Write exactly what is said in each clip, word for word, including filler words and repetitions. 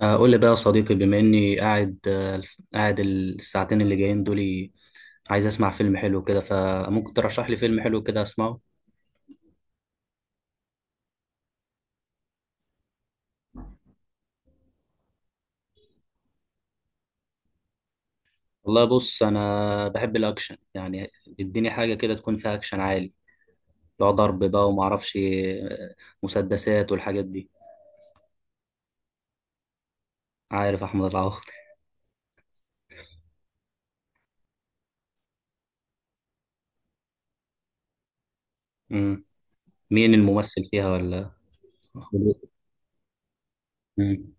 آه، قول لي بقى يا صديقي، بما اني قاعد آه، الف- قاعد الساعتين اللي جايين دول. عايز اسمع فيلم حلو كده، فممكن ترشح لي فيلم حلو كده اسمعه؟ والله بص انا بحب الاكشن يعني. اديني حاجه كده تكون فيها اكشن عالي، لو ضرب بقى وما اعرفش آه، مسدسات والحاجات دي. عارف احمد العوضي. مم. مين الممثل فيها ولا؟ مم.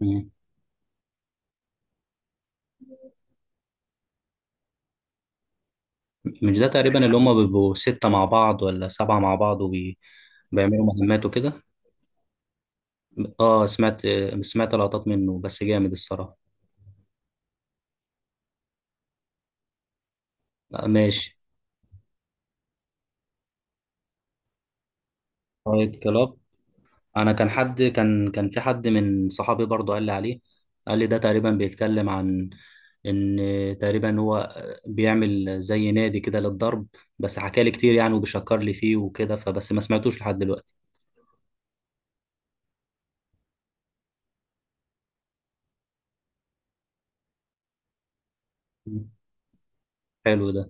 مم. مش ده تقريبا اللي هم بيبقوا ستة مع بعض ولا سبعة مع بعض وبيعملوا مهمات وكده؟ اه، سمعت سمعت لقطات منه، بس جامد الصراحة. آه، ماشي. فايت كلاب. انا كان حد كان كان في حد من صحابي برضه قال لي عليه. قال لي ده تقريبا بيتكلم عن ان تقريبا هو بيعمل زي نادي كده للضرب. بس حكى لي كتير يعني وبيشكر لي فيه وكده، فبس ما سمعتوش لحد دلوقتي. مم. حلو ده.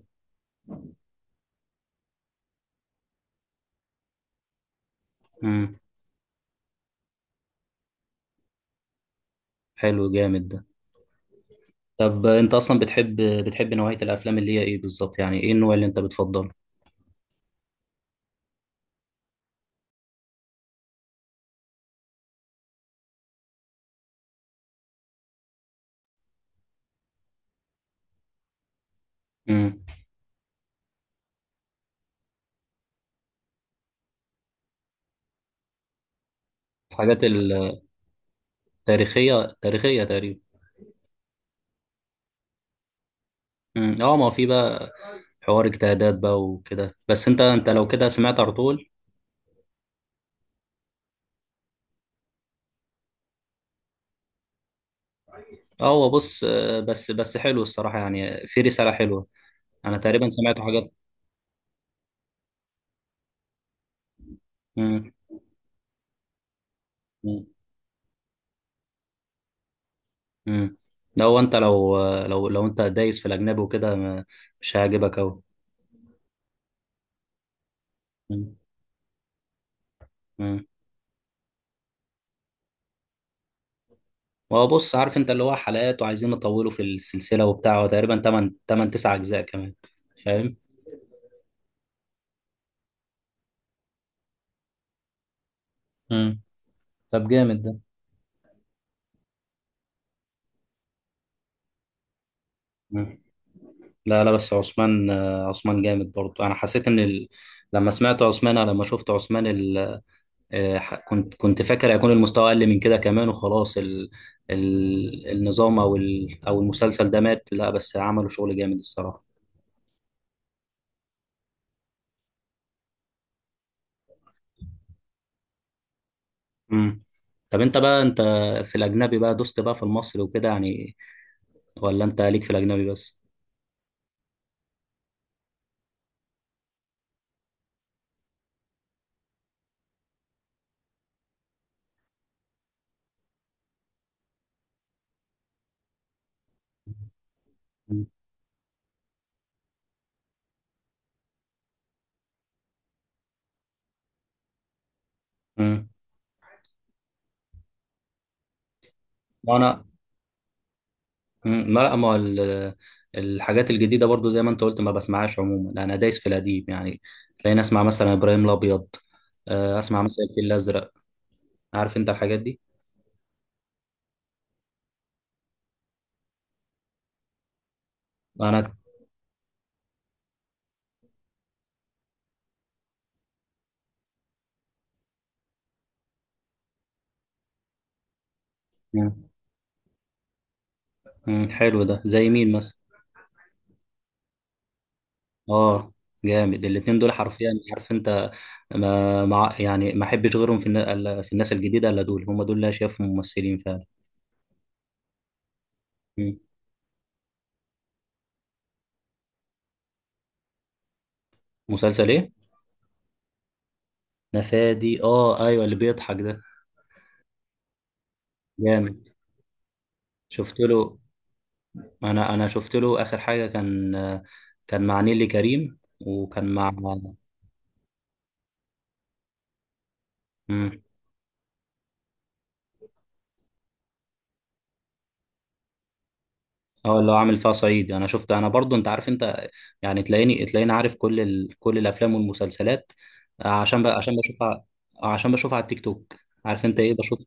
امم حلو جامد ده. طب انت اصلا بتحب بتحب نوعية الافلام اللي هي ايه بالظبط؟ يعني ايه النوع اللي انت بتفضله؟ امم حاجات التاريخية، تاريخية تقريبا. مم. اه، ما هو في بقى حوار اجتهادات بقى وكده. بس انت انت لو كده سمعت ارطغرل؟ اه، هو بص آه، بس بس حلو الصراحه يعني، في رساله حلوه. انا تقريبا سمعت حاجات. مم. مم. مم. ده هو انت لو آه، لو لو انت دايس في الاجنبي وكده ما- مش هيعجبك قوي. هو بص، عارف انت اللي هو حلقات وعايزين يطولوا في السلسله وبتاع، هو تقريبا تمن تمن تسعة اجزاء كمان، فاهم؟ مم. طب جامد ده. مم. لا لا، بس عثمان آه، عثمان جامد برضه. انا حسيت ان ال... لما سمعت عثمان، أنا لما شفت عثمان ال... آه، ح- كنت كنت فاكر هيكون المستوى اقل من كده كمان، وخلاص ال... ال... النظام او ال... او المسلسل ده مات. لا، بس عملوا شغل جامد الصراحة. امم طب انت بقى انت في الاجنبي بقى، دوست بقى في المصري وكده يعني، ولا انت ليك في الاجنبي بس؟ امم وانا مم، ما لا ما ال- الحاجات الجديده برضو، زي ما انت قلت ما بسمعهاش عموما. انا دايس في القديم يعني. تلاقيني اسمع مثلا ابراهيم الابيض، آه، اسمع مثلا الفيل الازرق. عارف انت الحاجات دي. انا مم، مم، حلو ده، زي مين مثلا؟ اه، جامد الاتنين دول حرفيا، عارف انت. ما مع يعني ما احبش غيرهم في النا- الا- في الناس الجديده الا دول، هم دول اللي أنا شايفهم ممثلين فعلا. مم. مسلسل ايه؟ نفادي، اه ايوه اللي بيضحك ده. جامد. شفت له. انا انا شفت له اخر حاجه، كان كان مع نيلي كريم، وكان مع امم اه، اللي هو عامل فيها صعيد، انا شفت. انا برضو انت عارف انت يعني، تلاقيني تلاقيني عارف كل ال... كل الافلام والمسلسلات. آه، عشان ب... عشان بشوفها. عشان بشوفها على التيك توك، عارف انت ايه، بشوف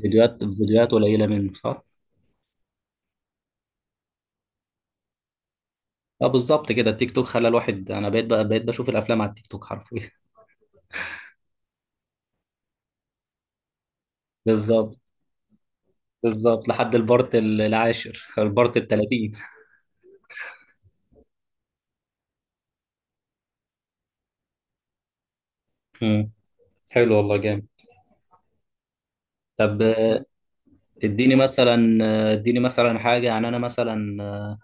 فيديوهات فيديوهات قليله منه، صح؟ اه بالظبط كده، التيك توك خلى الواحد. انا بقيت بقى بقيت بشوف الافلام على التيك توك حرفيا. بالظبط. بالظبط، لحد البارت ال- العاشر، البارت التلاتين. مم. حلو والله، جامد. طب آه، اديني مثلا اديني مثلا حاجه، يعني انا مثلا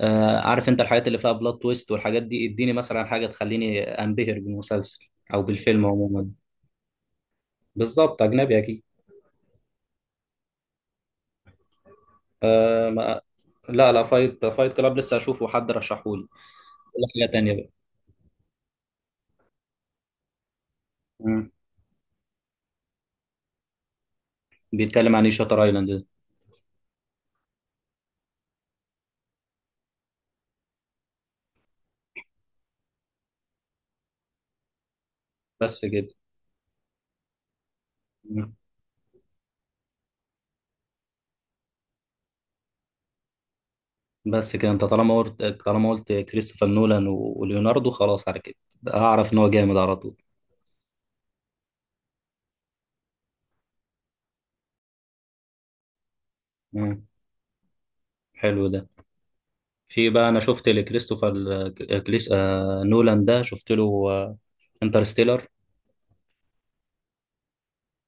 آه، عارف انت الحاجات اللي فيها بلوت تويست والحاجات دي. اديني مثلا حاجه تخليني انبهر بالمسلسل او بالفيلم عموما. بالظبط، اجنبي اكيد. أه ما... لا لا، فايت فايت كلاب لسه اشوفه، حد رشحهولي ولا حاجه تانيه بقى. مم. بيتكلم عن ايه شاتر ايلاند ده؟ بس كده؟ مم. بس كده، انت طالما قلت طالما قلت كريستوفر نولان و- وليوناردو، خلاص على كده. اعرف ان هو جامد على طول. مم. حلو ده. في بقى انا شفت لكريستوفر آه، كريس... آه... نولان ده، شفت له آه... انترستيلر،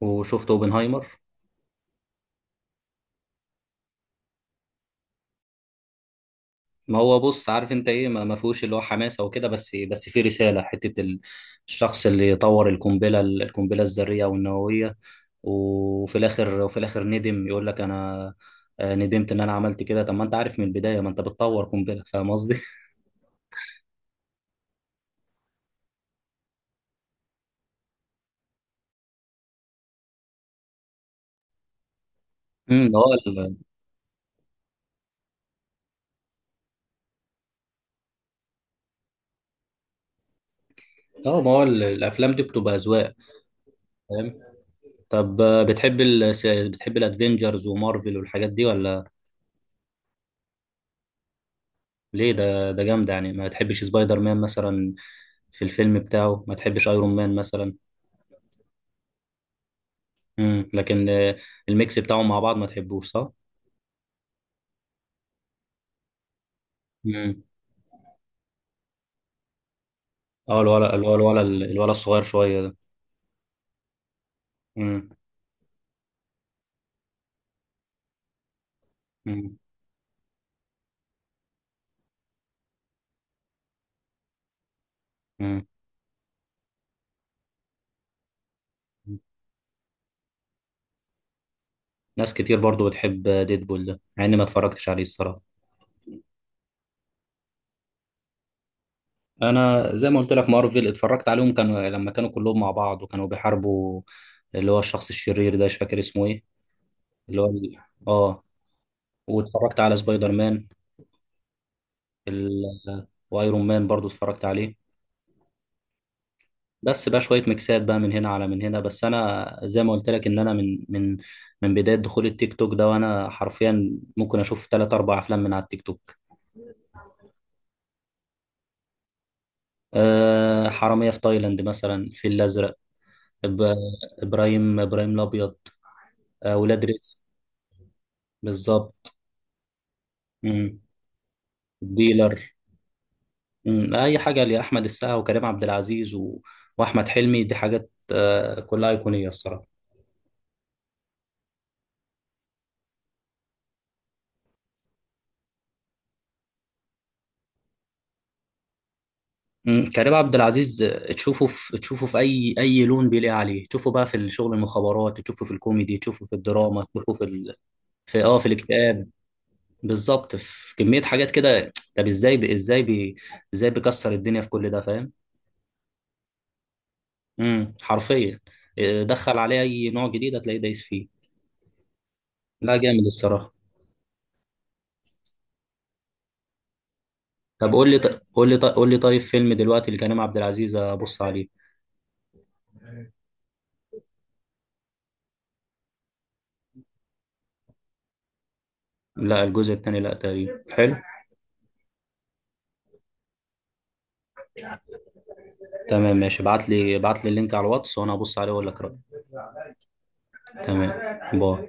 وشفت اوبنهايمر. ما هو بص، عارف انت ايه، ما ما فيهوش اللي هو حماسه وكده، بس بس في رساله. حته ال- الشخص اللي طور القنبله القنبله الذريه والنوويه. وفي الاخر وفي الاخر ندم، يقول لك انا آه، ندمت ان انا عملت كده. طب ما انت عارف من البدايه ما انت بتطور قنبله، فاهم قصدي؟ امم هو ال- اه ما هو ال- الافلام دي بتبقى اذواق، فاهم. طب آه، بتحب ال... س- بتحب الادفنجرز ومارفل والحاجات دي ولا؟ ليه؟ ده ده جامد يعني، ما تحبش سبايدر مان مثلا في الفيلم بتاعه؟ ما تحبش ايرون مان مثلا؟ امم لكن آه، الميكس بتاعهم مع بعض ما تحبوش صح؟ امم اه، الولا الولا الولا الولا الصغير شويه ده. امم امم امم ناس كتير برضو بتحب ديدبول ده، مع اني ما اتفرجتش عليه الصراحه. انا زي ما قلت لك، مارفل اتفرجت عليهم كانوا لما كانوا كلهم مع بعض وكانوا بيحاربوا اللي هو الشخص الشرير ده، مش فاكر اسمه ايه. اللي هو ال- اه، واتفرجت على سبايدر مان ال... وايرون مان برضو اتفرجت عليه. بس بقى شويه ميكسات بقى من هنا على من هنا. بس انا زي ما قلت لك، ان انا من من من بدايه دخول التيك توك ده، وانا حرفيا ممكن اشوف ثلاث اربع افلام من على التيك توك. أه، حراميه في تايلاند مثلا، الفيل الازرق، إب- ابراهيم ابراهيم الابيض، آه، ولاد رزق. بالظبط. مم. ديلر. مم. اي حاجه لاحمد السقا وكريم عبد العزيز و... واحمد حلمي، دي حاجات آه، كلها ايقونيه الصراحه. مم. كريم عبد العزيز، آه، تشوفه في تشوفه في اي اي لون بيليق عليه، تشوفه بقى في الشغل المخابرات، تشوفه في الكوميدي، تشوفه في الدراما، تشوفه في ال... في اه في الاكتئاب. بالظبط، في كمية حاجات كده. طب ازاي ب... ازاي ب... ازاي بيكسر الدنيا في كل ده، فاهم. امم حرفيا. آه، دخل عليه اي نوع جديد هتلاقيه دايس فيه. لا، جامد الصراحة. طب قول لي ط- قول لي ط- قول لي طيب فيلم دلوقتي لكريم عبد العزيز ابص عليه. لا، الجزء الثاني، لا تقريبا حلو. تمام ماشي، ابعت لي ابعت لي اللينك على الواتس، وانا ابص عليه واقول لك رأيي. تمام. باي.